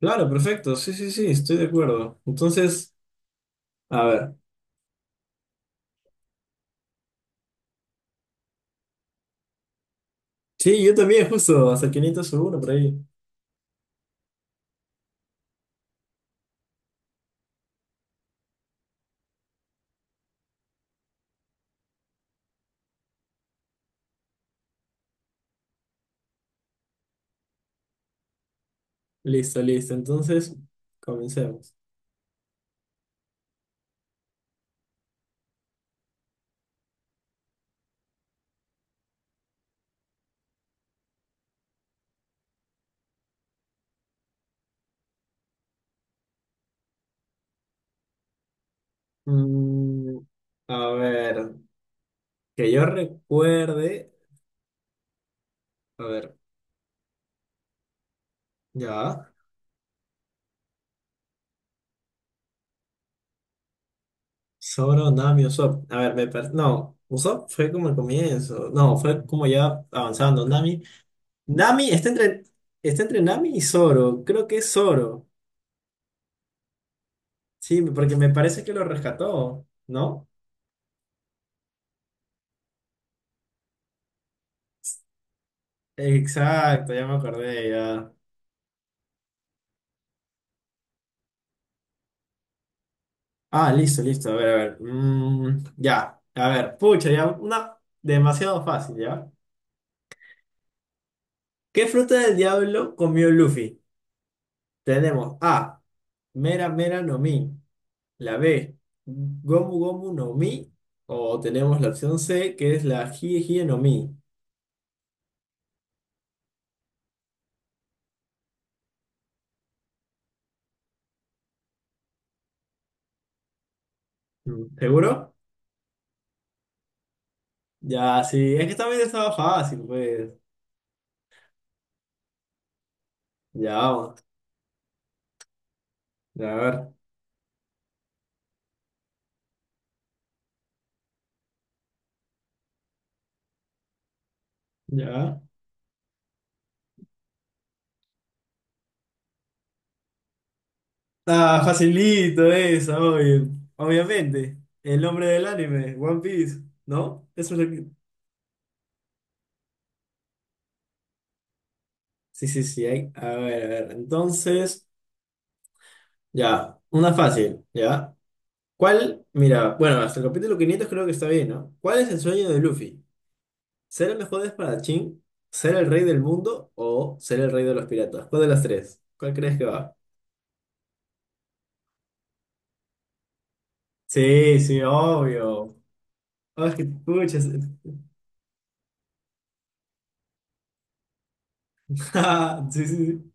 Claro, perfecto. Sí, sí, sí, estoy de acuerdo. Entonces, a ver. Sí, yo también, justo, hasta 501 por ahí. Listo, listo. Entonces, comencemos. Mm, a ver, que yo recuerde. A ver, ya. Zoro, Nami, Usopp. A ver, no, Usopp fue como el comienzo. No, fue como ya avanzando. Nami. Nami está entre Nami y Zoro. Creo que es Zoro. Sí, porque me parece que lo rescató, ¿no? Exacto, ya me acordé, ya. Ah, listo, listo, a ver, a ver. Ya, a ver, pucha, ya, una demasiado fácil, ¿ya? ¿Qué fruta del diablo comió Luffy? Tenemos A, Mera Mera no Mi, la B, Gomu Gomu no Mi, o tenemos la opción C, que es la Hie Hie no Mi. ¿Seguro? Ya, sí, es que también estaba fácil, pues. Ya, vamos, a ver, ya. Ah, facilito eso, obvio. Obviamente. El nombre del anime, One Piece, ¿no? Eso es lo que... Sí, sí, sí. A ver, a ver. Entonces, ya. Una fácil, ¿ya? ¿Cuál? Mira, bueno, hasta el capítulo 500 creo que está bien, ¿no? ¿Cuál es el sueño de Luffy? ¿Ser el mejor espadachín? ¿Ser el rey del mundo? ¿O ser el rey de los piratas? ¿Cuál de las tres? ¿Cuál crees que va? Sí, sí, obvio. Ah, es que, pucha, sí, sí, sí.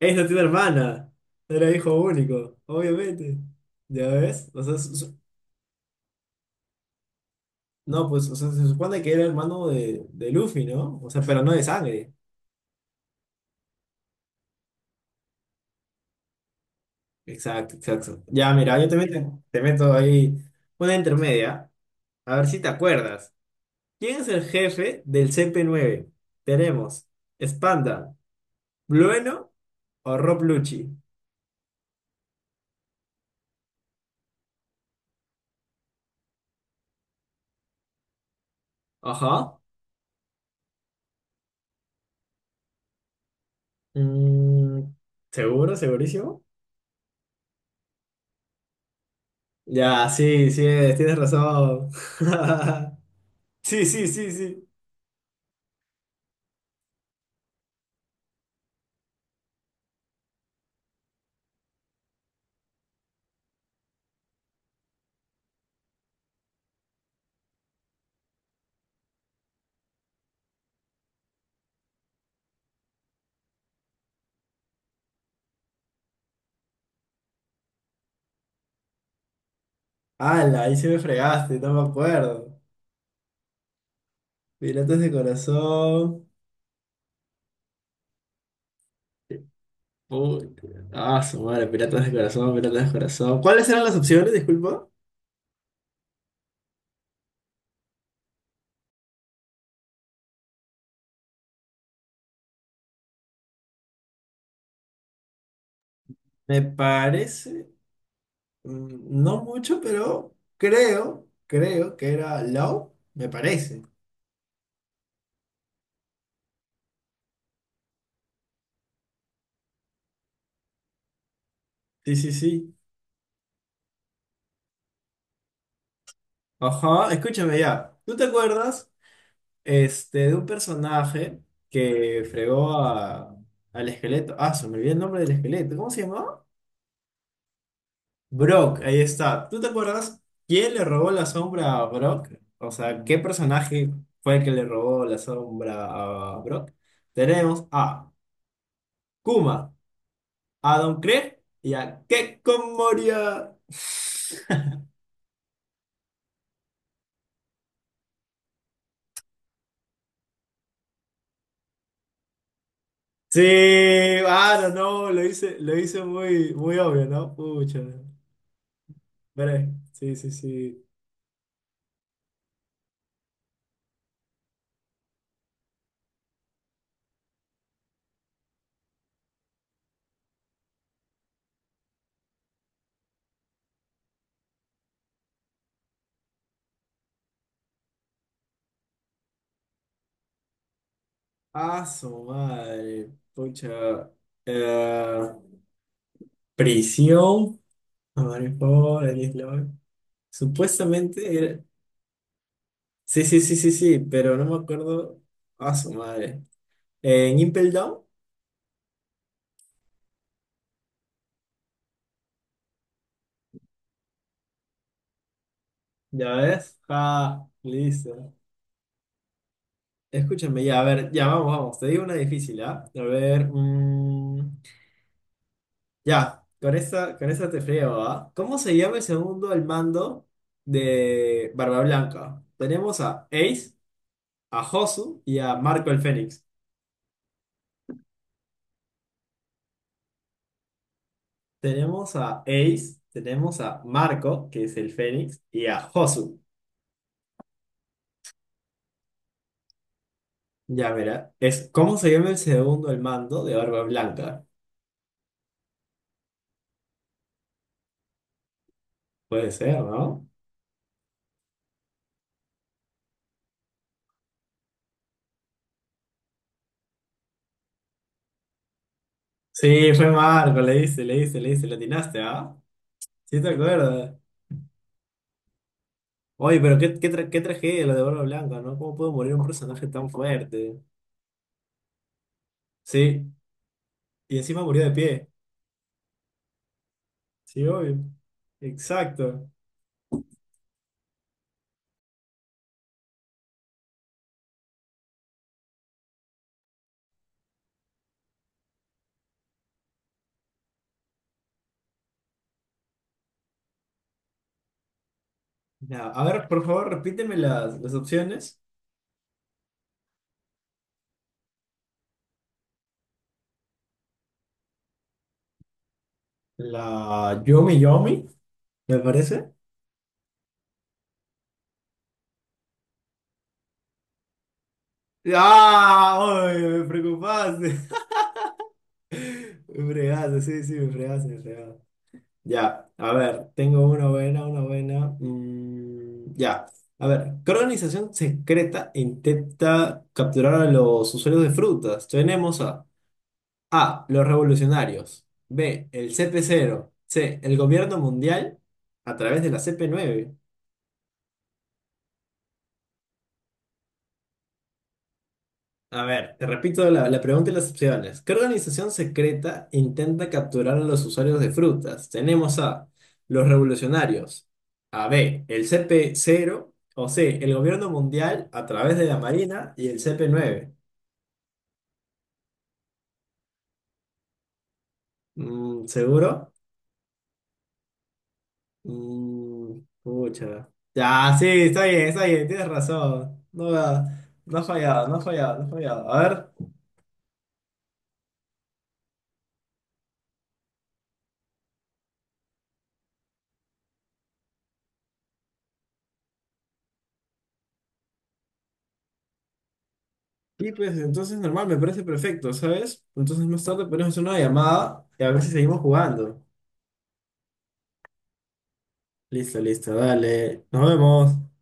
No tiene hermana. Era hijo único, obviamente. ¿Ya ves? O sea, no, pues, o sea, se supone que era hermano de Luffy, ¿no? O sea, pero no de sangre. Exacto, exacto. Ya, mira, yo también te meto ahí una intermedia. A ver si te acuerdas. ¿Quién es el jefe del CP9? Tenemos Spanda, Blueno o Rob Lucci. Ajá. Mm, ¿Seguro? ¿Segurísimo? Ya, sí, sí, tienes razón. Sí, sí, sí, sí. ¡Hala! Ahí se me fregaste, no me acuerdo. Piratas de corazón. Puta. Ah, su madre, piratas de corazón, piratas de corazón. ¿Cuáles eran las opciones? Disculpa. Me parece, no mucho, pero creo que era Low, me parece. Sí, sí, sí. Ajá, escúchame ya. ¿Tú te acuerdas, de un personaje que fregó al esqueleto? Ah, se me olvidó el nombre del esqueleto. ¿Cómo se llamaba? Brock, ahí está. ¿Tú te acuerdas quién le robó la sombra a Brock? O sea, ¿qué personaje fue el que le robó la sombra a Brock? Tenemos a Kuma, a Don Krieg y a Kekko Moria. Sí, ah, no, no, lo hice muy, muy obvio, ¿no? Pucha, veré, sí, sí, sí. Ah, su madre, pucha. Eh, prisión, a Maripol, supuestamente era... Sí, sí, sí, sí, sí, pero no me acuerdo a su madre. En Impel Down, ya ves. Ah, listo. Escúchame, ya, a ver, ya vamos, vamos. Te digo una difícil, ¿ah? A ver, ya, con esta te friego, ¿ah? ¿Cómo se llama el segundo al mando de Barba Blanca? Tenemos a Ace, a Josu y a Marco el Fénix. Tenemos a Ace, tenemos a Marco, que es el Fénix, y a Josu. Ya, mira. ¿Cómo se llama el segundo el mando de Barba Blanca? Puede ser, ¿no? Sí, fue Marco, le dice, le atinaste, ¿ah? Sí te acuerdas. Oye, pero qué tragedia lo de Barba Blanca, ¿no? ¿Cómo pudo morir un personaje tan fuerte? Sí, y encima murió de pie. Sí, obvio. Exacto. Ya, a ver, por favor, repíteme las opciones. La Yomi Yomi, me parece. ¡Ah! Oye, me preocupaste. Me fregaste, sí, sí, me fregaste, me fregaste. Ya, a ver, tengo una buena, una buena. Ya, a ver, ¿qué organización secreta intenta capturar a los usuarios de frutas? Tenemos a A, los revolucionarios, B, el CP0, C, el gobierno mundial a través de la CP9. A ver, te repito la pregunta y las opciones. ¿Qué organización secreta intenta capturar a los usuarios de frutas? Tenemos a los revolucionarios, a B, el CP0, o C, el gobierno mundial a través de la Marina y el CP9. ¿Seguro? Pucha. Ya, sí, está bien, tienes razón. No, no ha fallado, no ha fallado, no ha fallado. A ver. Sí, pues entonces normal, me parece perfecto, ¿sabes? Entonces más tarde podemos hacer una llamada y a ver si seguimos jugando. Listo, listo, dale. Nos vemos.